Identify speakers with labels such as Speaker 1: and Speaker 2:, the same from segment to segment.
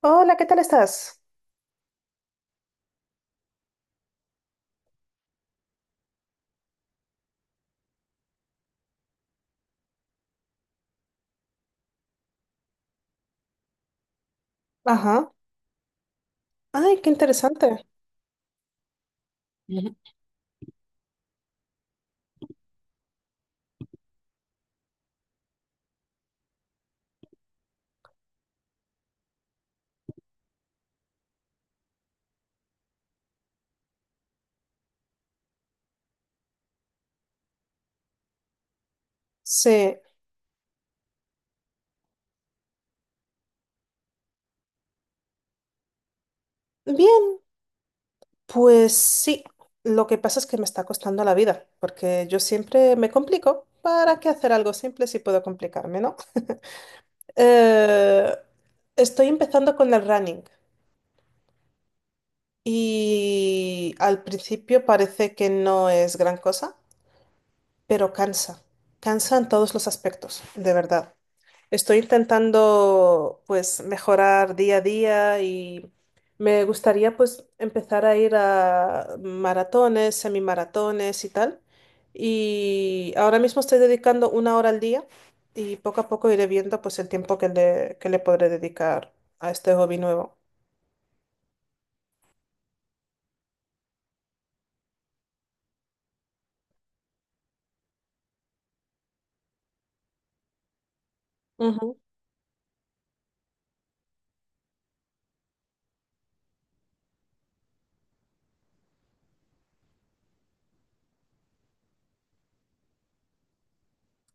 Speaker 1: Hola, ¿qué tal estás? Ajá. Ay, qué interesante. Sí. Bien, pues sí. Lo que pasa es que me está costando la vida, porque yo siempre me complico. ¿Para qué hacer algo simple si puedo complicarme, no? Eh, Estoy empezando con el running, y al principio parece que no es gran cosa, pero cansa. Cansa en todos los aspectos, de verdad. Estoy intentando pues mejorar día a día, y me gustaría pues empezar a ir a maratones, semimaratones y tal. Y ahora mismo estoy dedicando una hora al día, y poco a poco iré viendo pues el tiempo que le podré dedicar a este hobby nuevo. Ujú.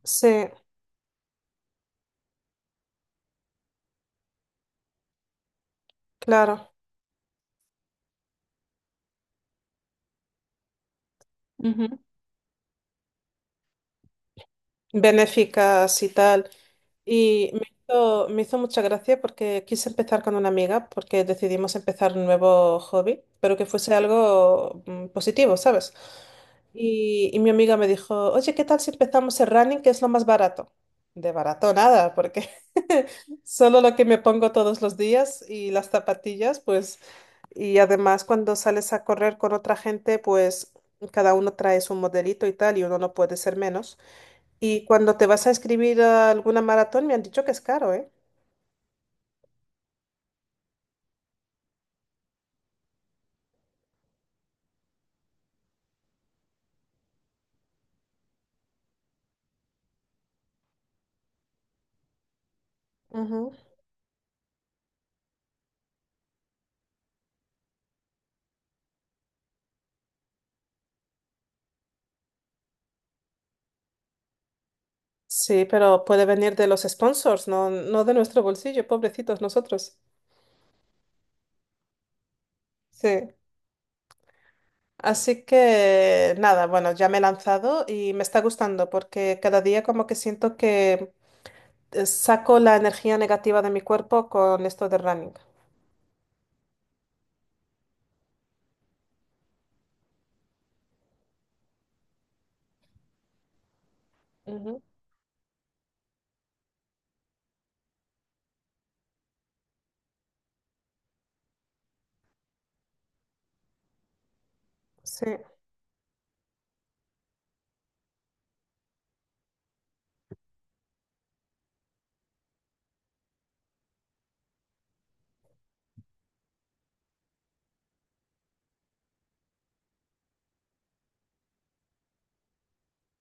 Speaker 1: Sí, claro. Ujú. Benéficas y tal. Y me me hizo mucha gracia porque quise empezar con una amiga, porque decidimos empezar un nuevo hobby, pero que fuese algo positivo, ¿sabes? Y mi amiga me dijo, oye, ¿qué tal si empezamos el running, que es lo más barato? De barato nada, porque solo lo que me pongo todos los días y las zapatillas, pues, y además cuando sales a correr con otra gente, pues cada uno trae su modelito y tal, y uno no puede ser menos. Y cuando te vas a escribir a alguna maratón, me han dicho que es caro, ¿eh? Ujú. Sí, pero puede venir de los sponsors, no, no de nuestro bolsillo, pobrecitos nosotros. Sí. Así que nada, bueno, ya me he lanzado y me está gustando porque cada día como que siento que saco la energía negativa de mi cuerpo con esto de running. Ujú. Sí,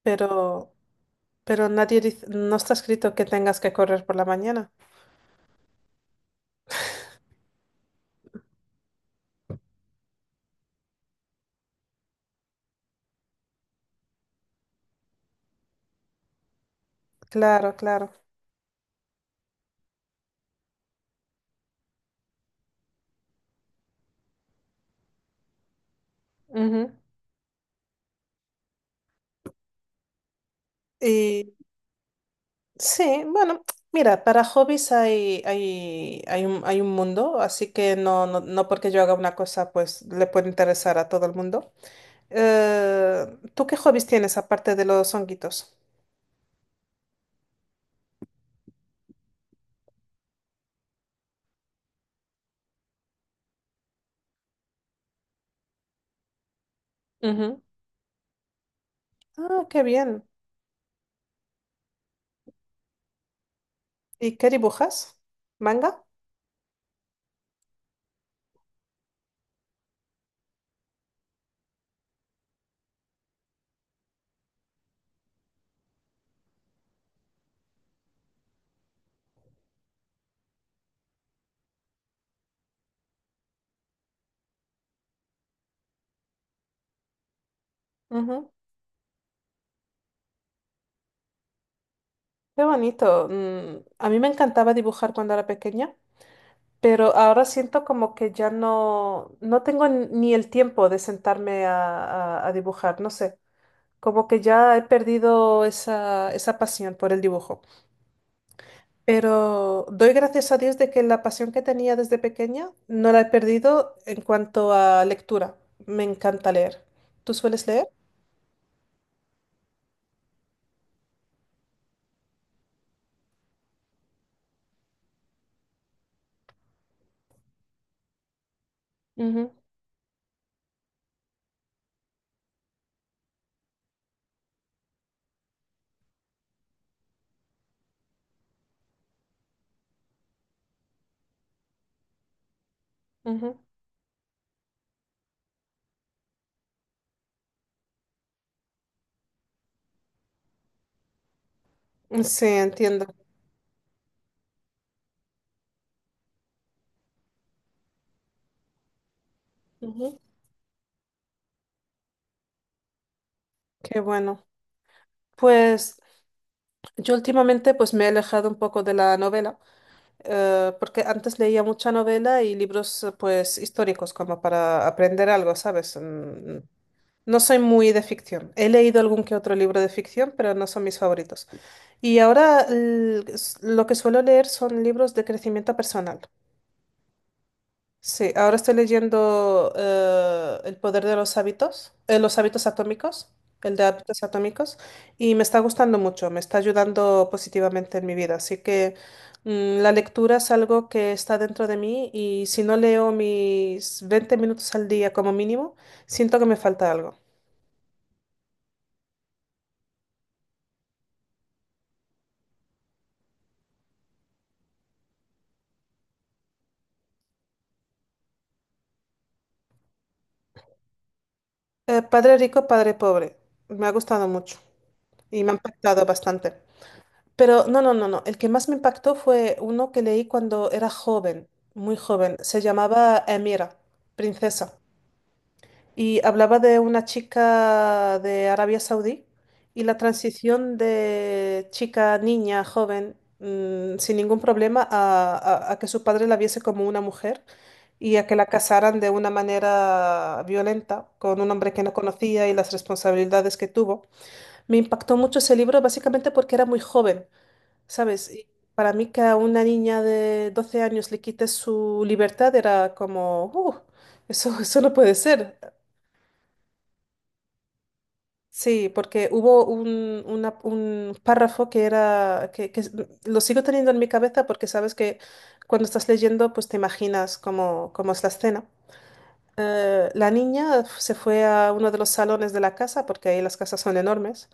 Speaker 1: pero, pero nadie dice, no está escrito que tengas que correr por la mañana. Claro, claro. Ujú. Y sí, bueno, mira, para hobbies hay un mundo, así que no, no, no porque yo haga una cosa, pues le puede interesar a todo el mundo. Eh, ¿Tú qué hobbies tienes aparte de los honguitos? Ujú. Ah, qué bien. ¿Y qué dibujas? ¿Manga? Ujú. Qué bonito. A mí me encantaba dibujar cuando era pequeña, pero ahora siento como que ya no, ni el tiempo de sentarme a dibujar, no sé, como que ya he perdido esa, esa pasión por el dibujo. Pero doy gracias a Dios de que la pasión que tenía desde pequeña no la he perdido en cuanto a lectura. Me encanta leer. ¿Tú sueles leer? Ujú, ujú. Sí, entiendo. Ujú. Qué bueno. Pues yo últimamente pues me he alejado un poco de la novela, porque antes leía mucha novela y libros pues históricos como para aprender algo, ¿sabes? No soy muy de ficción. He leído algún que otro libro de ficción, pero no son mis favoritos. Y ahora lo que suelo leer son libros de crecimiento personal. Sí, ahora estoy leyendo El poder de los hábitos, el de hábitos atómicos, y me está gustando mucho, me está ayudando positivamente en mi vida. Así que la lectura es algo que está dentro de mí, y si no leo mis 20 minutos al día como mínimo, siento que me falta algo. Padre rico, padre pobre, me ha gustado mucho y me ha impactado bastante. Pero no, no, no, no. El que más me impactó fue uno que leí cuando era joven, muy joven. Se llamaba Emira, princesa. Y hablaba de una chica de Arabia Saudí, y la transición de chica, niña, joven, sin ningún problema, a, a que su padre la viese como una mujer, y a que la casaran de una manera violenta con un hombre que no conocía, y las responsabilidades que tuvo. Me impactó mucho ese libro básicamente porque era muy joven. ¿Sabes? Y para mí que a una niña de 12 años le quites su libertad era como, eso, eso no puede ser." Sí, porque hubo un párrafo que lo sigo teniendo en mi cabeza, porque sabes que cuando estás leyendo pues te imaginas cómo, cómo es la escena. La niña se fue a uno de los salones de la casa, porque ahí las casas son enormes,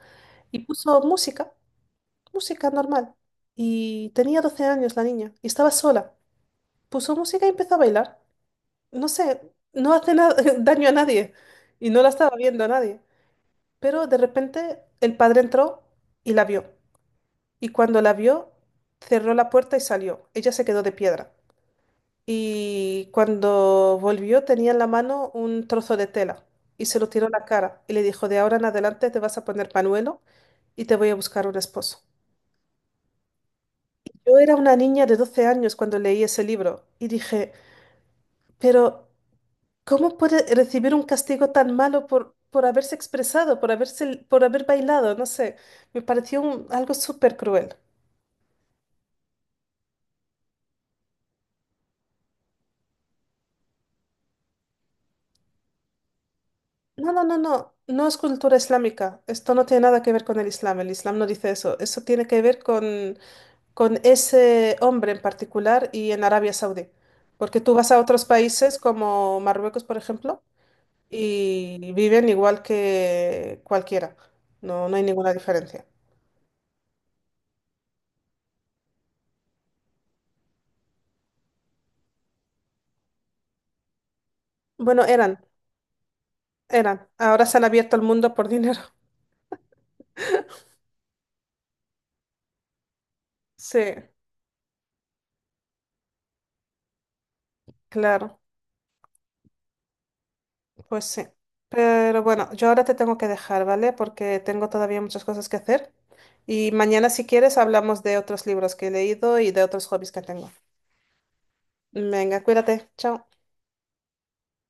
Speaker 1: y puso música, música normal. Y tenía 12 años la niña, y estaba sola. Puso música y empezó a bailar. No sé, no hace na- daño a nadie, y no la estaba viendo a nadie. Pero de repente el padre entró y la vio. Y cuando la vio, cerró la puerta y salió. Ella se quedó de piedra. Y cuando volvió tenía en la mano un trozo de tela, y se lo tiró en la cara y le dijo, de ahora en adelante te vas a poner panuelo, y te voy a buscar un esposo. Yo era una niña de 12 años cuando leí ese libro y dije, pero ¿cómo puede recibir un castigo tan malo por haberse expresado, por haberse, por haber bailado? No sé, algo súper cruel. No, no, no, no, no es cultura islámica. Esto no tiene nada que ver con el Islam. El Islam no dice eso. Eso tiene que ver con ese hombre en particular y en Arabia Saudí. Porque tú vas a otros países como Marruecos, por ejemplo, y viven igual que cualquiera. No, no hay ninguna diferencia. Bueno, eran, eran. Ahora se han abierto el mundo por dinero. Sí, claro, pues sí. Pero bueno, yo ahora te tengo que dejar, ¿vale? Porque tengo todavía muchas cosas que hacer. Y mañana, si quieres, hablamos de otros libros que he leído y de otros hobbies que tengo. Venga, cuídate. Chao.